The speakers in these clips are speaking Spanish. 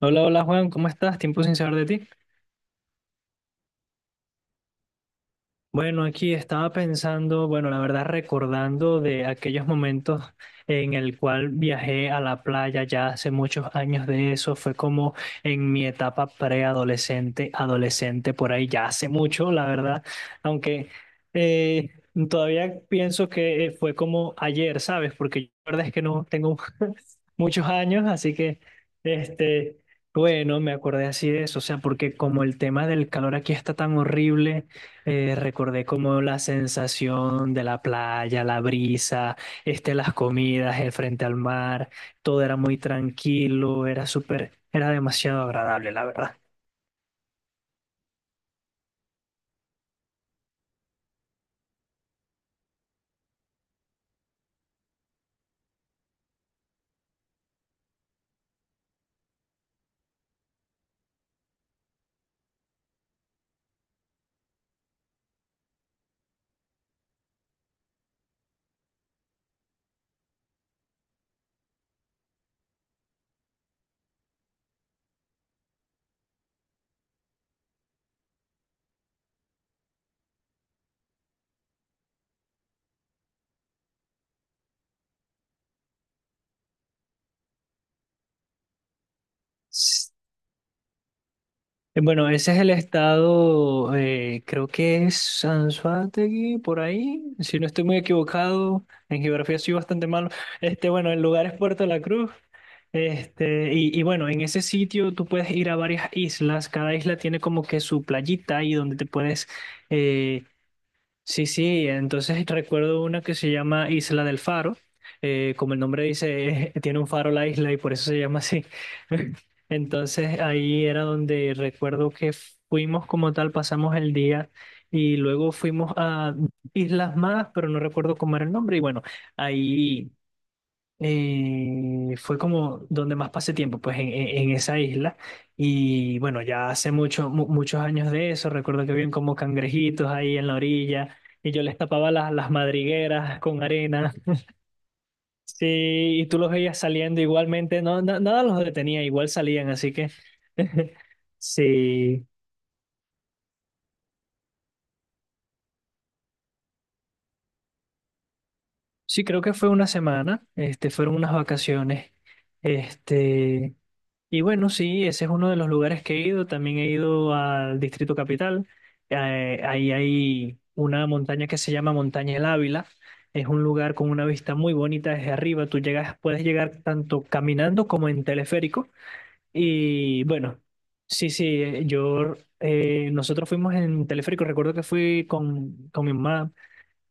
Hola, hola Juan, ¿cómo estás? Tiempo sin saber de ti. Bueno, aquí estaba pensando, bueno, la verdad recordando de aquellos momentos en el cual viajé a la playa ya hace muchos años de eso, fue como en mi etapa preadolescente, adolescente, por ahí ya hace mucho, la verdad, aunque eh, todavía pienso que fue como ayer, ¿sabes? Porque yo la verdad es que no tengo un muchos años, así que, este, bueno, me acordé así de eso, o sea, porque como el tema del calor aquí está tan horrible, recordé como la sensación de la playa, la brisa, las comidas, el frente al mar, todo era muy tranquilo, era súper, era demasiado agradable, la verdad. Bueno, ese es el estado, creo que es Sansuategui, por ahí, si no estoy muy equivocado, en geografía soy bastante malo. Este, bueno, el lugar es Puerto La Cruz. Este, y bueno, en ese sitio tú puedes ir a varias islas, cada isla tiene como que su playita y donde te puedes eh, sí, sí, entonces recuerdo una que se llama Isla del Faro, como el nombre dice, tiene un faro la isla y por eso se llama así. Entonces ahí era donde recuerdo que fuimos como tal, pasamos el día y luego fuimos a islas más, pero no recuerdo cómo era el nombre. Y bueno, ahí fue como donde más pasé tiempo, pues en esa isla. Y bueno, ya hace mucho, muchos años de eso, recuerdo que habían como cangrejitos ahí en la orilla y yo les tapaba las madrigueras con arena. Sí, y tú los veías saliendo igualmente, no, nada los detenía, igual salían, así que sí, sí, creo que fue una semana, este, fueron unas vacaciones, este... Y bueno, sí, ese es uno de los lugares que he ido. También he ido al Distrito Capital. Ahí hay una montaña que se llama Montaña El Ávila. Es un lugar con una vista muy bonita desde arriba. Tú llegas, puedes llegar tanto caminando como en teleférico. Y bueno, sí, sí, nosotros fuimos en teleférico. Recuerdo que fui con mi mamá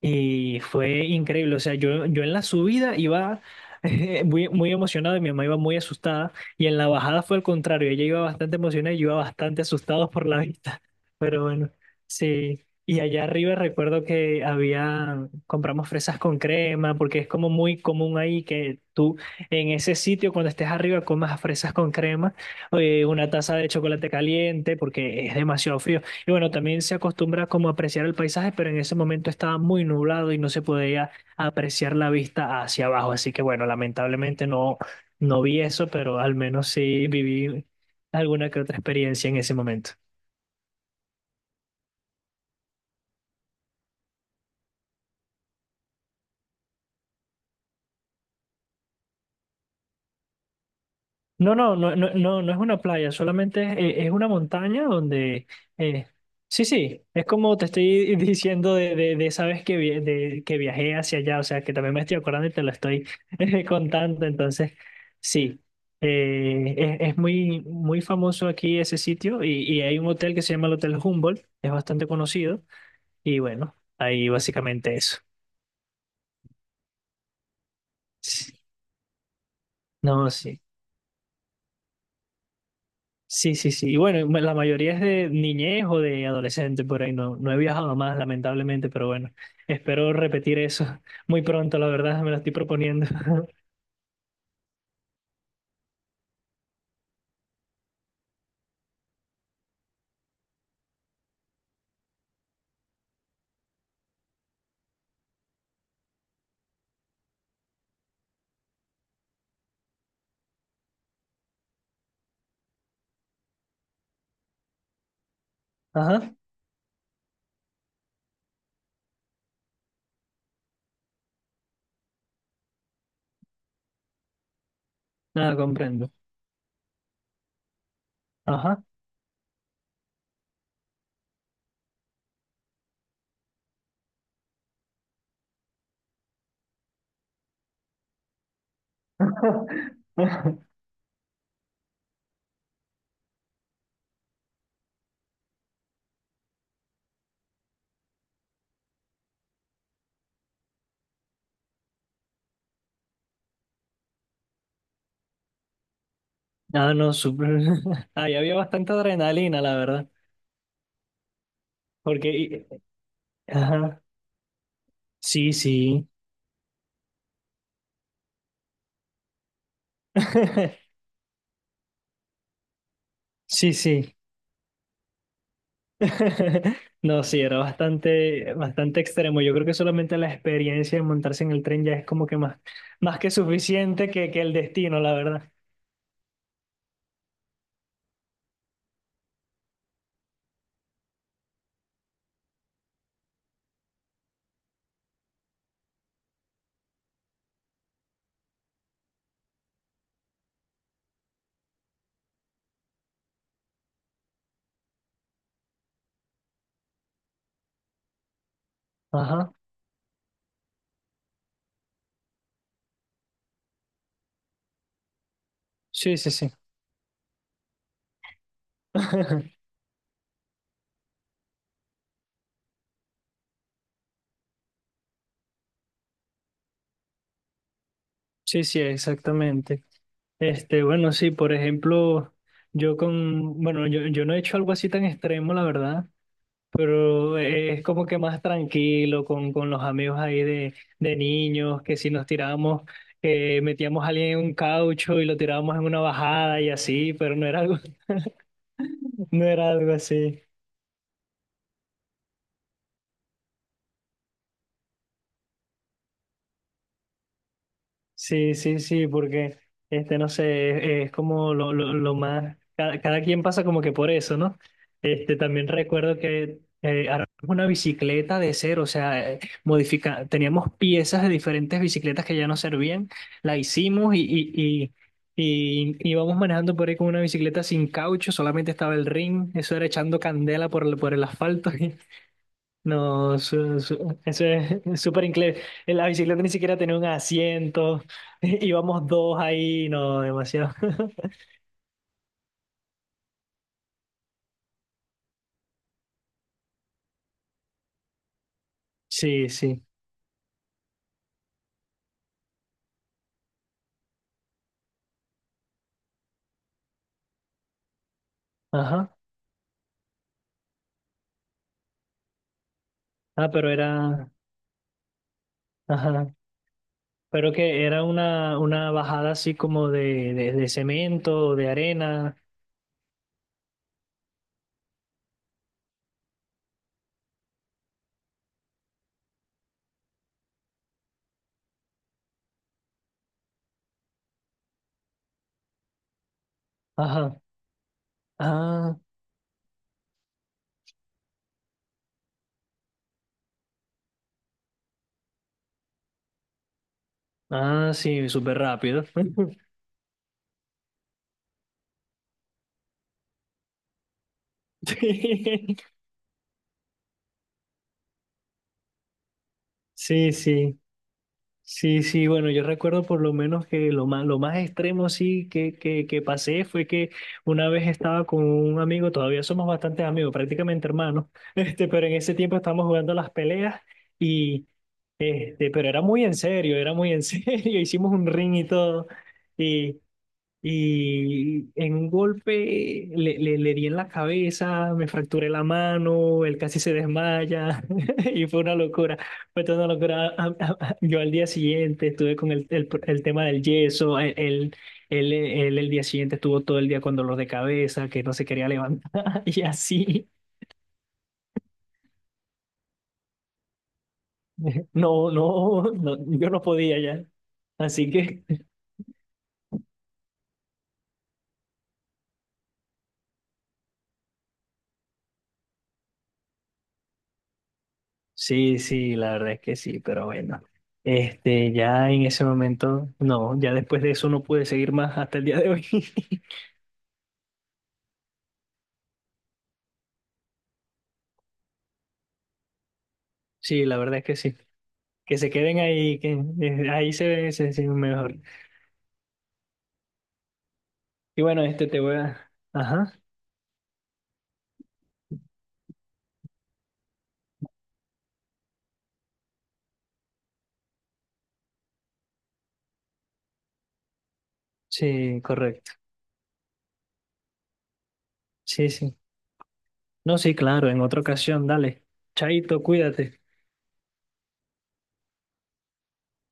y fue increíble, o sea, yo en la subida iba muy, muy emocionado y mi mamá iba muy asustada y en la bajada fue al contrario, ella iba bastante emocionada y yo iba bastante asustado por la vista, pero bueno, sí. Y allá arriba recuerdo que había, compramos fresas con crema, porque es como muy común ahí que tú en ese sitio cuando estés arriba comas fresas con crema, una taza de chocolate caliente, porque es demasiado frío. Y bueno, también se acostumbra como a apreciar el paisaje, pero en ese momento estaba muy nublado y no se podía apreciar la vista hacia abajo. Así que bueno, lamentablemente no, no vi eso, pero al menos sí viví alguna que otra experiencia en ese momento. No, no, no, no, no, no es una playa, solamente es una montaña donde... eh, sí, sí, es como te estoy diciendo de esa vez que, que viajé hacia allá, o sea, que también me estoy acordando y te lo estoy contando, entonces, sí, es muy, muy famoso aquí ese sitio y hay un hotel que se llama el Hotel Humboldt, es bastante conocido y bueno, ahí básicamente eso. No, sí. Sí, sí, sí. Y bueno, la mayoría es de niñez o de adolescente por ahí. No, no he viajado más, lamentablemente, pero bueno, espero repetir eso muy pronto, la verdad, me lo estoy proponiendo. Ajá, nada, comprendo. Ajá. Ah, no, súper. Ahí había bastante adrenalina, la verdad. Porque, ajá, sí, sí. Sí, sí. No, sí, era bastante, bastante extremo. Yo creo que solamente la experiencia de montarse en el tren ya es como que más, más que suficiente que el destino, la verdad. Ajá. Sí, sí, sí. Sí, sí, exactamente. Este, bueno, sí, por ejemplo, yo, yo no he hecho algo así tan extremo, la verdad, pero es como que más tranquilo con los amigos ahí de niños, que si nos tirábamos, metíamos a alguien en un caucho y lo tirábamos en una bajada y así, pero no era algo, no era algo así. Sí, sí, sí, porque este, no sé, es, como lo más, cada, cada quien pasa como que por eso, ¿no? Este, también recuerdo que armamos una bicicleta de cero, o sea, teníamos piezas de diferentes bicicletas que ya no servían, la hicimos y íbamos manejando por ahí con una bicicleta sin caucho, solamente estaba el ring, eso era echando candela por, por el asfalto. No, eso es súper inglés. En la bicicleta ni siquiera tenía un asiento. Íbamos dos ahí, no, demasiado. Sí, sí. Ajá. Ah, pero era. Ajá. Pero que era una bajada así como de cemento, de arena. Ajá. Ah, ah, sí, súper rápido. Sí, sí. Sí, sí, bueno, yo recuerdo por lo menos que lo más extremo sí que, que pasé fue que una vez estaba con un amigo, todavía somos bastantes amigos, prácticamente hermanos, este, pero en ese tiempo estábamos jugando las peleas y, este, pero era muy en serio, era muy en serio, hicimos un ring y todo, y en un golpe le di en la cabeza, me fracturé la mano, él casi se desmaya y fue una locura. Fue toda una locura. Yo al día siguiente estuve con el, el tema del yeso, él, él el día siguiente estuvo todo el día con dolor de cabeza, que no se quería levantar y así. No, no, no, yo no podía ya. Así que... Sí, sí, la verdad es que sí, pero bueno, este, ya en ese momento, no, ya después de eso no pude seguir más hasta el día de hoy. Sí, la verdad es que sí, que se queden ahí, que ahí se ve, se ve mejor. Y bueno, este te voy a, ajá, sí, correcto, sí, sí, no, sí, claro, en otra ocasión, dale, chaito, cuídate.